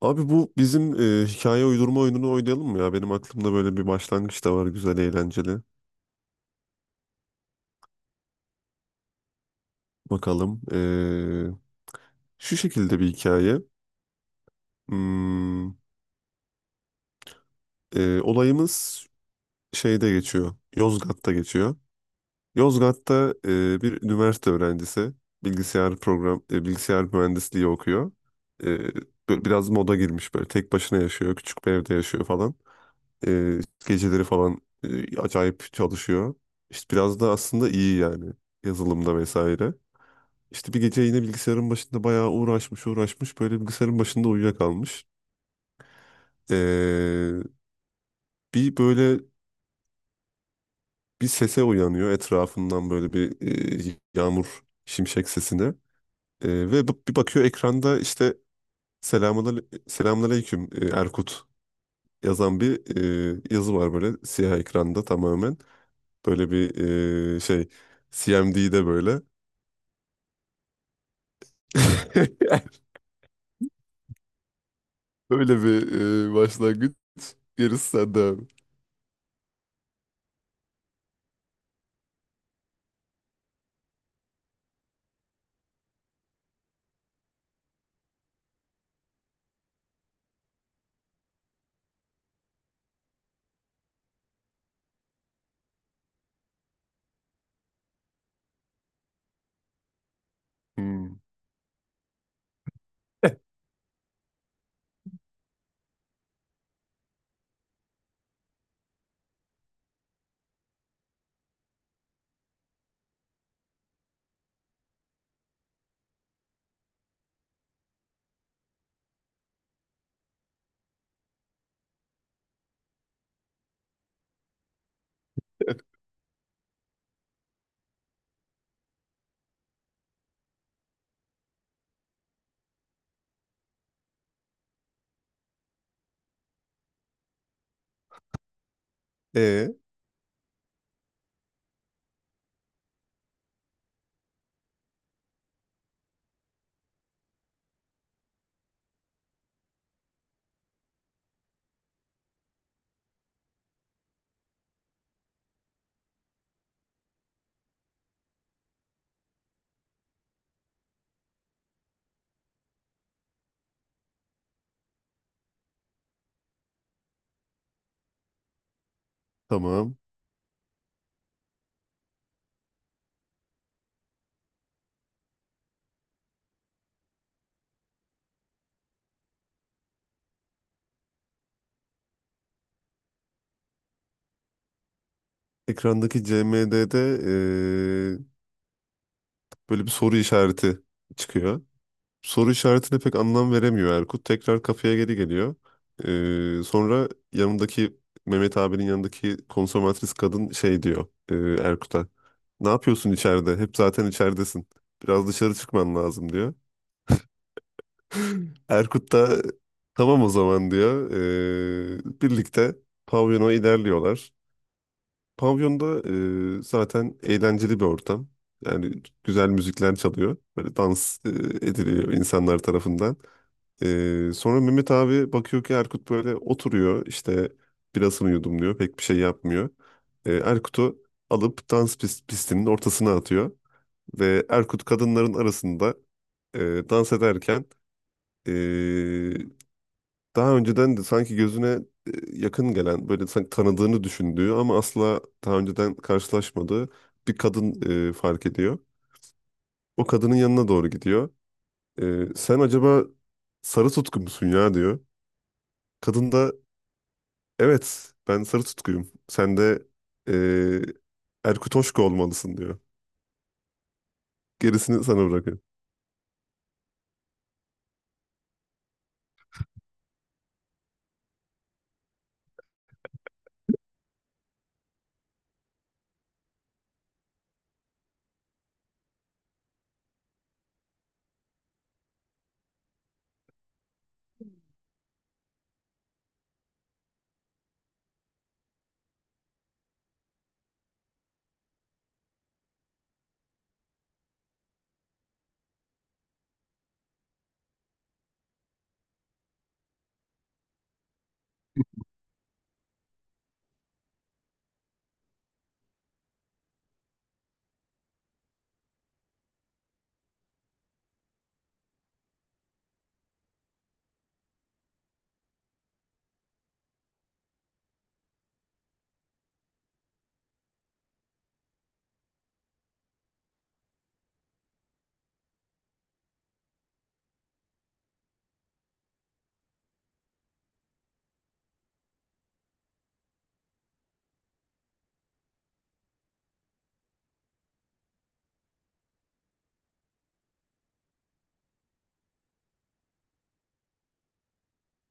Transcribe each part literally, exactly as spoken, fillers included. Abi bu bizim e, hikaye uydurma oyununu oynayalım mı ya? Benim aklımda böyle bir başlangıç da var, güzel eğlenceli. Bakalım. E, şu şekilde bir hikaye. Hmm. E, olayımız şeyde geçiyor. Yozgat'ta geçiyor. Yozgat'ta e, bir üniversite öğrencisi, bilgisayar program e, bilgisayar mühendisliği okuyor. E, Böyle biraz moda girmiş, böyle tek başına yaşıyor, küçük bir evde yaşıyor falan. E, Geceleri falan e, acayip çalışıyor. İşte biraz da aslında iyi yani, yazılımda vesaire. İşte bir gece yine bilgisayarın başında bayağı uğraşmış uğraşmış, böyle bilgisayarın başında uyuyakalmış. Ee, Bir böyle bir sese uyanıyor etrafından, böyle bir e, yağmur şimşek sesine. Ee, ve b- bir bakıyor ekranda, işte "selamun selamünaleyküm e, Erkut" yazan bir e, yazı var böyle siyah ekranda tamamen. Böyle bir e, şey C M D'de böyle. Böyle bir e, başlangıç. Gerisi sende abi. Hmm. E tamam. Ekrandaki C M D'de e, böyle bir soru işareti çıkıyor. Soru işaretine pek anlam veremiyor Erkut. Tekrar kafeye geri geliyor. E, sonra yanındaki Mehmet abinin yanındaki konsomatris kadın şey diyor e, Erkut'a. Ne yapıyorsun içeride? Hep zaten içeridesin. Biraz dışarı çıkman lazım diyor. Erkut da tamam o zaman diyor. Ee, birlikte pavyona ilerliyorlar. Pavyonda e, zaten eğlenceli bir ortam. Yani güzel müzikler çalıyor. Böyle dans e, ediliyor insanlar tarafından. Ee, sonra Mehmet abi bakıyor ki Erkut böyle oturuyor, işte birasını yudumluyor. Pek bir şey yapmıyor. Ee, Erkut'u alıp dans pis- pistinin ortasına atıyor. Ve Erkut kadınların arasında e, dans ederken e, daha önceden de sanki gözüne e, yakın gelen, böyle sanki tanıdığını düşündüğü ama asla daha önceden karşılaşmadığı bir kadın e, fark ediyor. O kadının yanına doğru gidiyor. E, sen acaba Sarı Tutku musun ya diyor. Kadın da evet ben Sarı Tutku'yum. Sen de e, Erkut Hoşko olmalısın diyor. Gerisini sana bırakıyorum.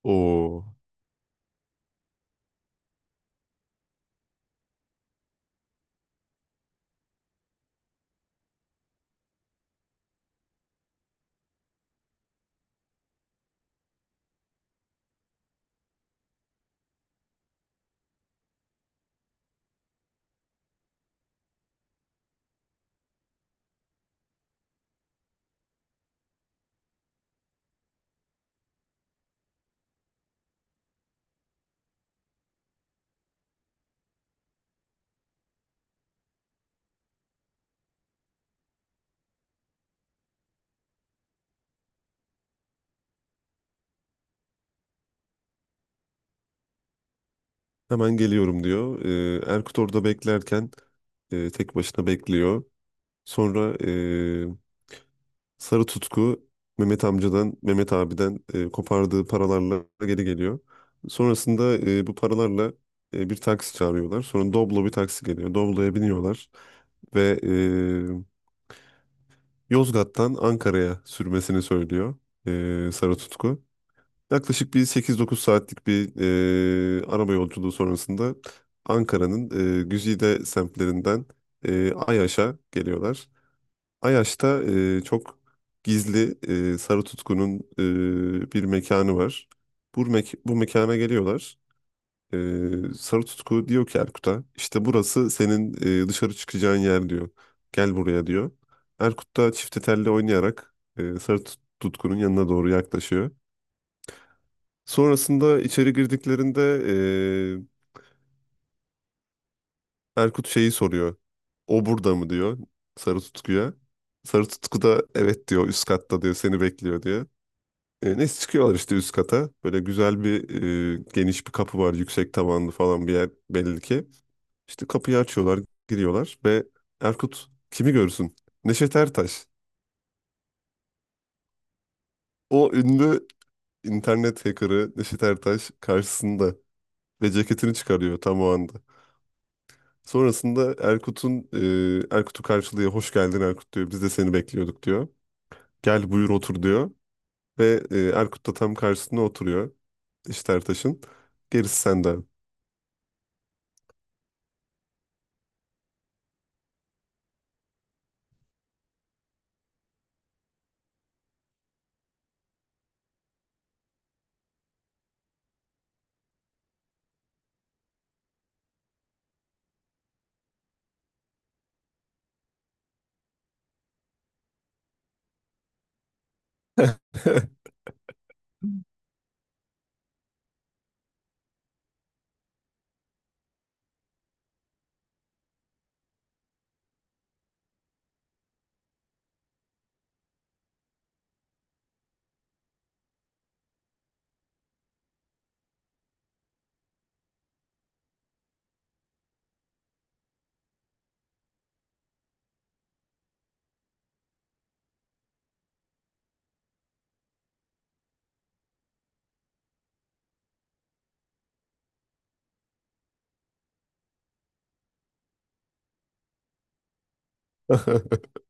Oo, hemen geliyorum diyor. E, Erkut orada beklerken e, tek başına bekliyor. Sonra e, Sarı Tutku Mehmet amcadan, Mehmet abiden e, kopardığı paralarla geri geliyor. Sonrasında e, bu paralarla e, bir taksi çağırıyorlar. Sonra Doblo bir taksi geliyor. Doblo'ya biniyorlar ve e, Yozgat'tan Ankara'ya sürmesini söylüyor e, Sarı Tutku. Yaklaşık bir sekiz dokuz saatlik bir e, araba yolculuğu sonrasında Ankara'nın e, güzide semtlerinden e, Ayaş'a geliyorlar. Ayaş'ta e, çok gizli e, Sarı Tutku'nun e, bir mekanı var. Bu, mek bu mekana geliyorlar. E, Sarı Tutku diyor ki Erkut'a, işte burası senin e, dışarı çıkacağın yer diyor. Gel buraya diyor. Erkut da çifte telli oynayarak e, Sarı Tut- Tutku'nun yanına doğru yaklaşıyor. Sonrasında içeri girdiklerinde e, Erkut şeyi soruyor. O burada mı diyor Sarı Tutku'ya. Sarı Tutku da evet diyor, üst katta diyor, seni bekliyor diyor. E, neyse çıkıyorlar işte üst kata. Böyle güzel bir e, geniş bir kapı var. Yüksek tavanlı falan bir yer belli ki. İşte kapıyı açıyorlar, giriyorlar ve Erkut kimi görsün? Neşet Ertaş. O ünlü internet hackerı Neşet Ertaş karşısında ve ceketini çıkarıyor tam o anda. Sonrasında Erkut'un e, Erkut'u karşılıyor. Hoş geldin Erkut diyor. Biz de seni bekliyorduk diyor. Gel buyur otur diyor. Ve e, Erkut da tam karşısına oturuyor, Neşet Ertaş'ın. Gerisi senden.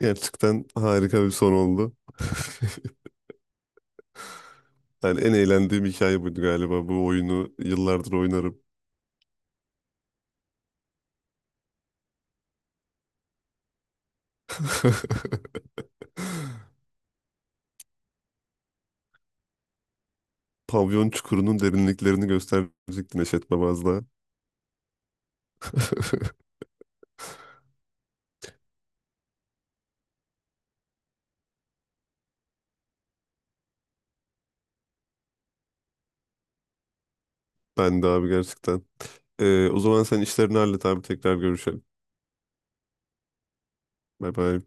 Gerçekten harika bir son oldu. Yani en eğlendiğim hikaye buydu galiba. Bu oyunu yıllardır oynarım. Pavyon çukurunun derinliklerini gösterecektin Neşet Babaz'la. Ben de abi, gerçekten. Ee, o zaman sen işlerini hallet abi, tekrar görüşelim. Bay bay.